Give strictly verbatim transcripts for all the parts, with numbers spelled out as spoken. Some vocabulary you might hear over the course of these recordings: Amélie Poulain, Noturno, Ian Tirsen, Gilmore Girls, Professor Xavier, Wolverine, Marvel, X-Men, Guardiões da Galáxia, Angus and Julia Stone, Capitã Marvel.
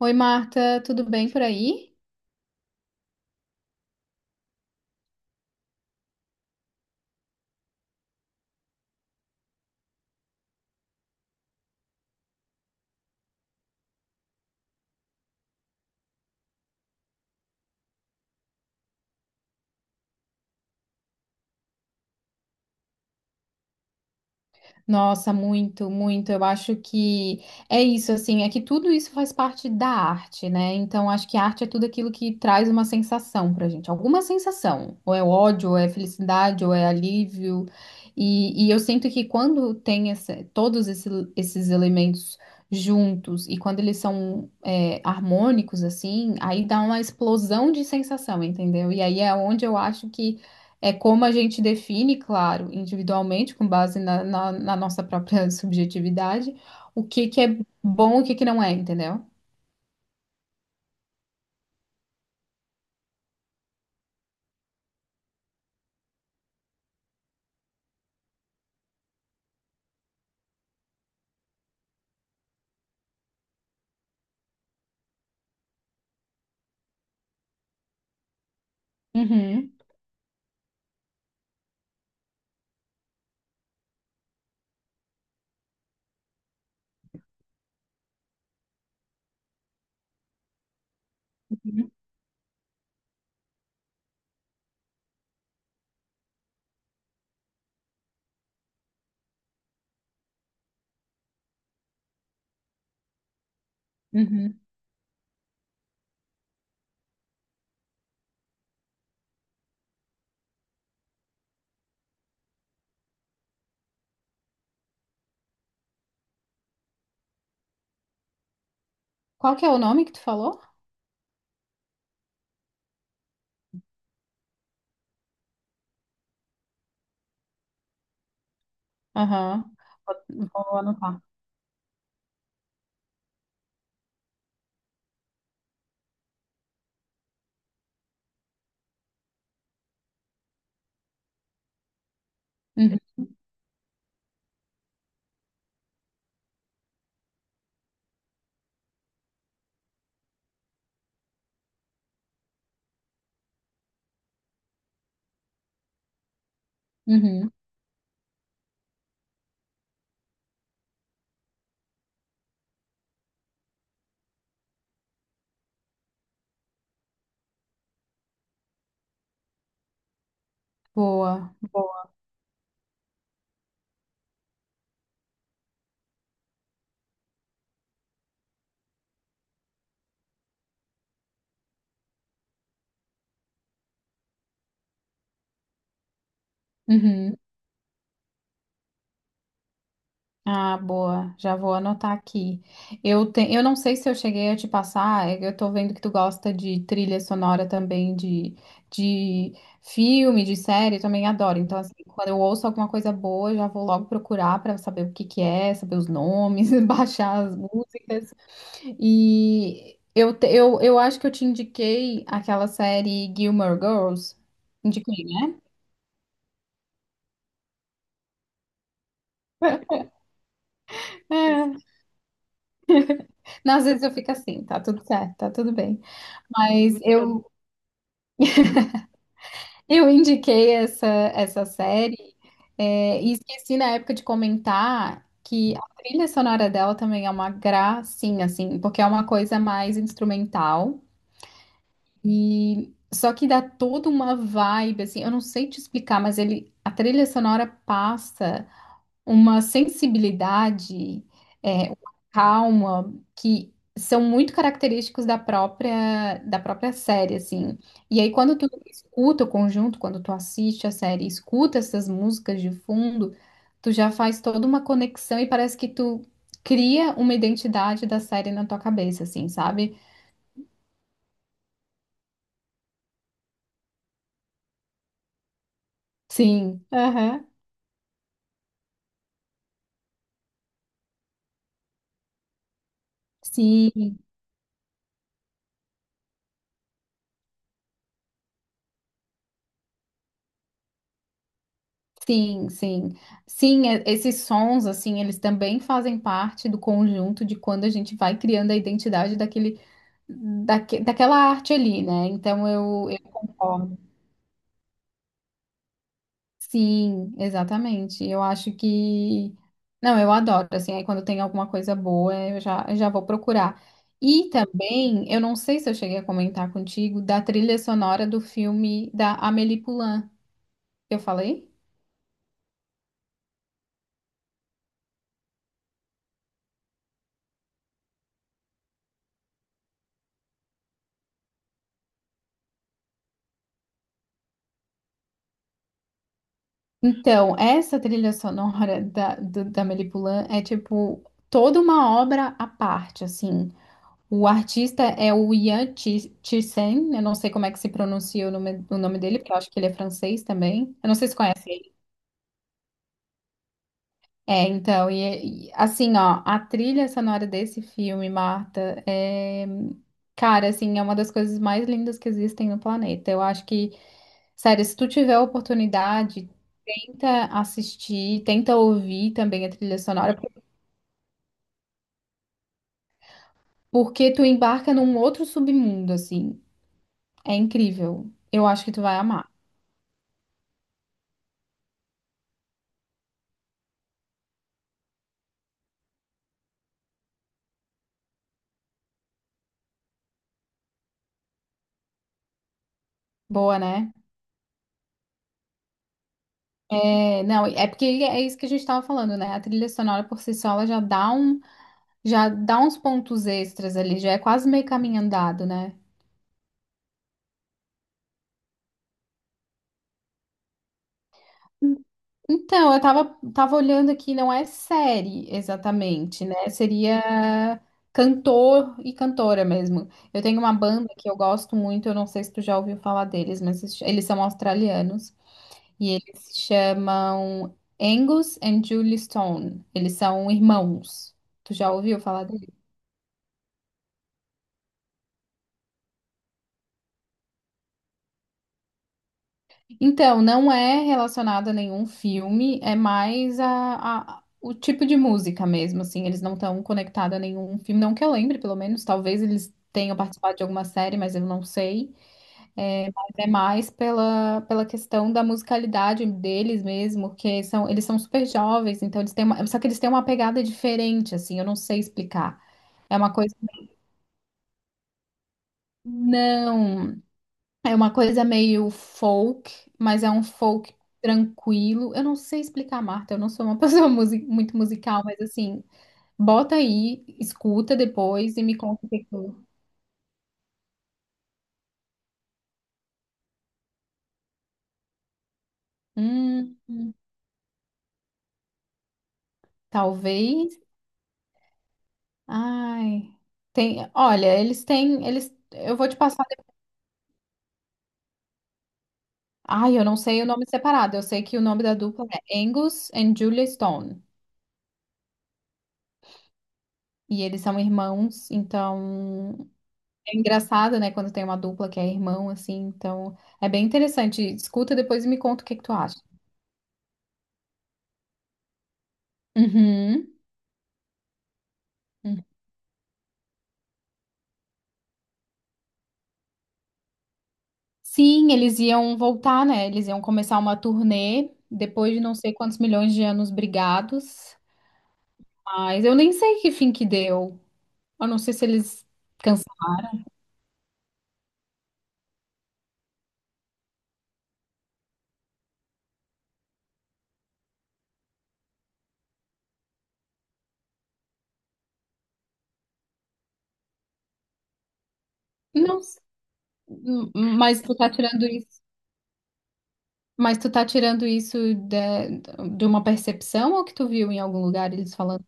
Oi, Marta, tudo bem por aí? Nossa, muito, muito. Eu acho que é isso, assim, é que tudo isso faz parte da arte, né? Então, acho que a arte é tudo aquilo que traz uma sensação pra gente, alguma sensação. Ou é ódio, ou é felicidade, ou é alívio. E, e eu sinto que quando tem essa- todos esse- esses elementos juntos e quando eles são é, harmônicos, assim, aí dá uma explosão de sensação, entendeu? E aí é onde eu acho que é como a gente define, claro, individualmente, com base na, na- na nossa própria subjetividade, o que que é bom e o que que não é, entendeu? Uhum, uhum, uhum. Qual que é o nome que tu falou? Aham. Vou vou anotar. Uhum, uhum. Boa, boa. Uhum. Ah, boa. Já vou anotar aqui. Eu, te... eu não sei se eu cheguei a te passar, é que eu tô vendo que tu gosta de trilha sonora também, de, de filme, de série, eu também adoro. Então, assim, quando eu ouço alguma coisa boa, eu já vou logo procurar pra saber o que que é, saber os nomes, baixar as músicas. E eu, te- eu, eu acho que eu te indiquei aquela série Gilmore Girls. Indiquei, né? É. Não, às vezes eu fico assim, tá tudo certo, tá tudo bem. Mas eu Eu indiquei essa, essa série, é, e esqueci na época de comentar que a trilha sonora dela também é uma gracinha, assim, porque é uma coisa mais instrumental. E só que dá toda uma vibe, assim, eu não sei te explicar, mas ele, a trilha sonora passa uma sensibilidade, é, uma calma que são muito característicos da própria da própria série, assim. E aí quando tu escuta o conjunto, quando tu assiste a série, e escuta essas músicas de fundo, tu já faz toda uma conexão e parece que tu cria uma identidade da série na tua cabeça, assim, sabe? Sim, aham, sim. Sim, sim. Sim, e- esses sons, assim, eles também fazem parte do conjunto de quando a gente vai criando a identidade daquele, daque, daquela arte ali, né? Então eu, eu concordo. Sim, exatamente. Eu acho que não, eu adoro, assim, aí quando tem alguma coisa boa, eu já, eu já vou procurar. E também, eu não sei se eu cheguei a comentar contigo, da trilha sonora do filme da Amélie Poulain. Eu falei? Então, essa trilha sonora da, do- da Melipulã é tipo toda uma obra à parte, assim. O artista é o Ian Tir- Tirsen, eu não sei como é que se pronuncia o nome, o nome dele, porque eu acho que ele é francês também. Eu não sei se conhece ele. É, então, e, e, assim, ó, a trilha sonora desse filme, Marta, é, cara, assim, é uma das coisas mais lindas que existem no planeta. Eu acho que sério, se tu tiver a oportunidade, tenta assistir, tenta ouvir também a trilha sonora, porque tu embarca num outro submundo, assim. É incrível. Eu acho que tu vai amar. Boa, né? É, não, é porque é isso que a gente tava falando, né? A trilha sonora por si só, ela já dá um, já dá uns pontos extras ali, já é quase meio caminho andado, né? Então, eu tava, tava olhando aqui, não é série exatamente, né? Seria cantor e cantora mesmo. Eu tenho uma banda que eu gosto muito, eu não sei se tu já ouviu falar deles, mas se eles são australianos e eles se chamam Angus and Julie Stone. Eles são irmãos. Tu já ouviu falar? Então, não é relacionado a nenhum filme, é mais a, a- o tipo de música mesmo, assim, eles não estão conectados a nenhum filme, não que eu lembre, pelo menos, talvez eles tenham participado de alguma série, mas eu não sei, é, mas é mais pela, pela questão da musicalidade deles mesmo, porque são, eles são super jovens, então eles têm uma, só que eles têm uma pegada diferente, assim, eu não sei explicar, é uma coisa, não, é uma coisa meio folk, mas é um folk tranquilo. Eu não sei explicar, Marta, eu não sou uma pessoa musi- muito musical, mas assim, bota aí, escuta depois e me conta o que que tu- Hum, talvez. Ai, tem, olha, eles têm, eles, eu vou te passar. de- Ai, eu não sei o nome separado. Eu sei que o nome da dupla é Angus and Julia Stone. E eles são irmãos, então. É engraçado, né, quando tem uma dupla que é irmão, assim, então é bem interessante. Escuta depois e me conta o que que tu acha. Uhum. Uhum. Sim, eles iam voltar, né? Eles iam começar uma turnê depois de não sei quantos milhões de anos brigados. Mas eu nem sei que fim que deu. Eu não sei se eles cansaram. Não, s- m- mas tu tá tirando isso. Mas tu tá tirando isso de, de uma percepção ou que tu viu em algum lugar eles falando?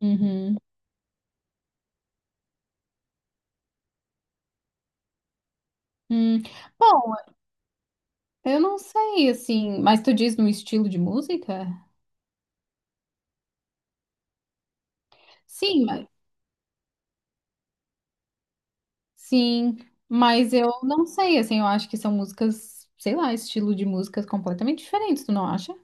Uhum. Hum. Bom, eu não sei, assim, mas tu diz no estilo de música? Sim, mas, sim, mas eu não sei, assim, eu acho que são músicas, sei lá, estilo de músicas completamente diferentes, tu não acha?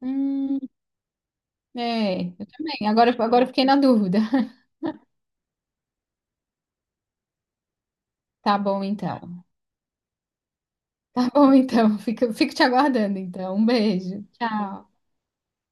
Hum, é, eu também. Agora, agora eu fiquei na dúvida. Tá bom, então. Tá bom, então. Fico, fico te aguardando, então. Um beijo. Tchau.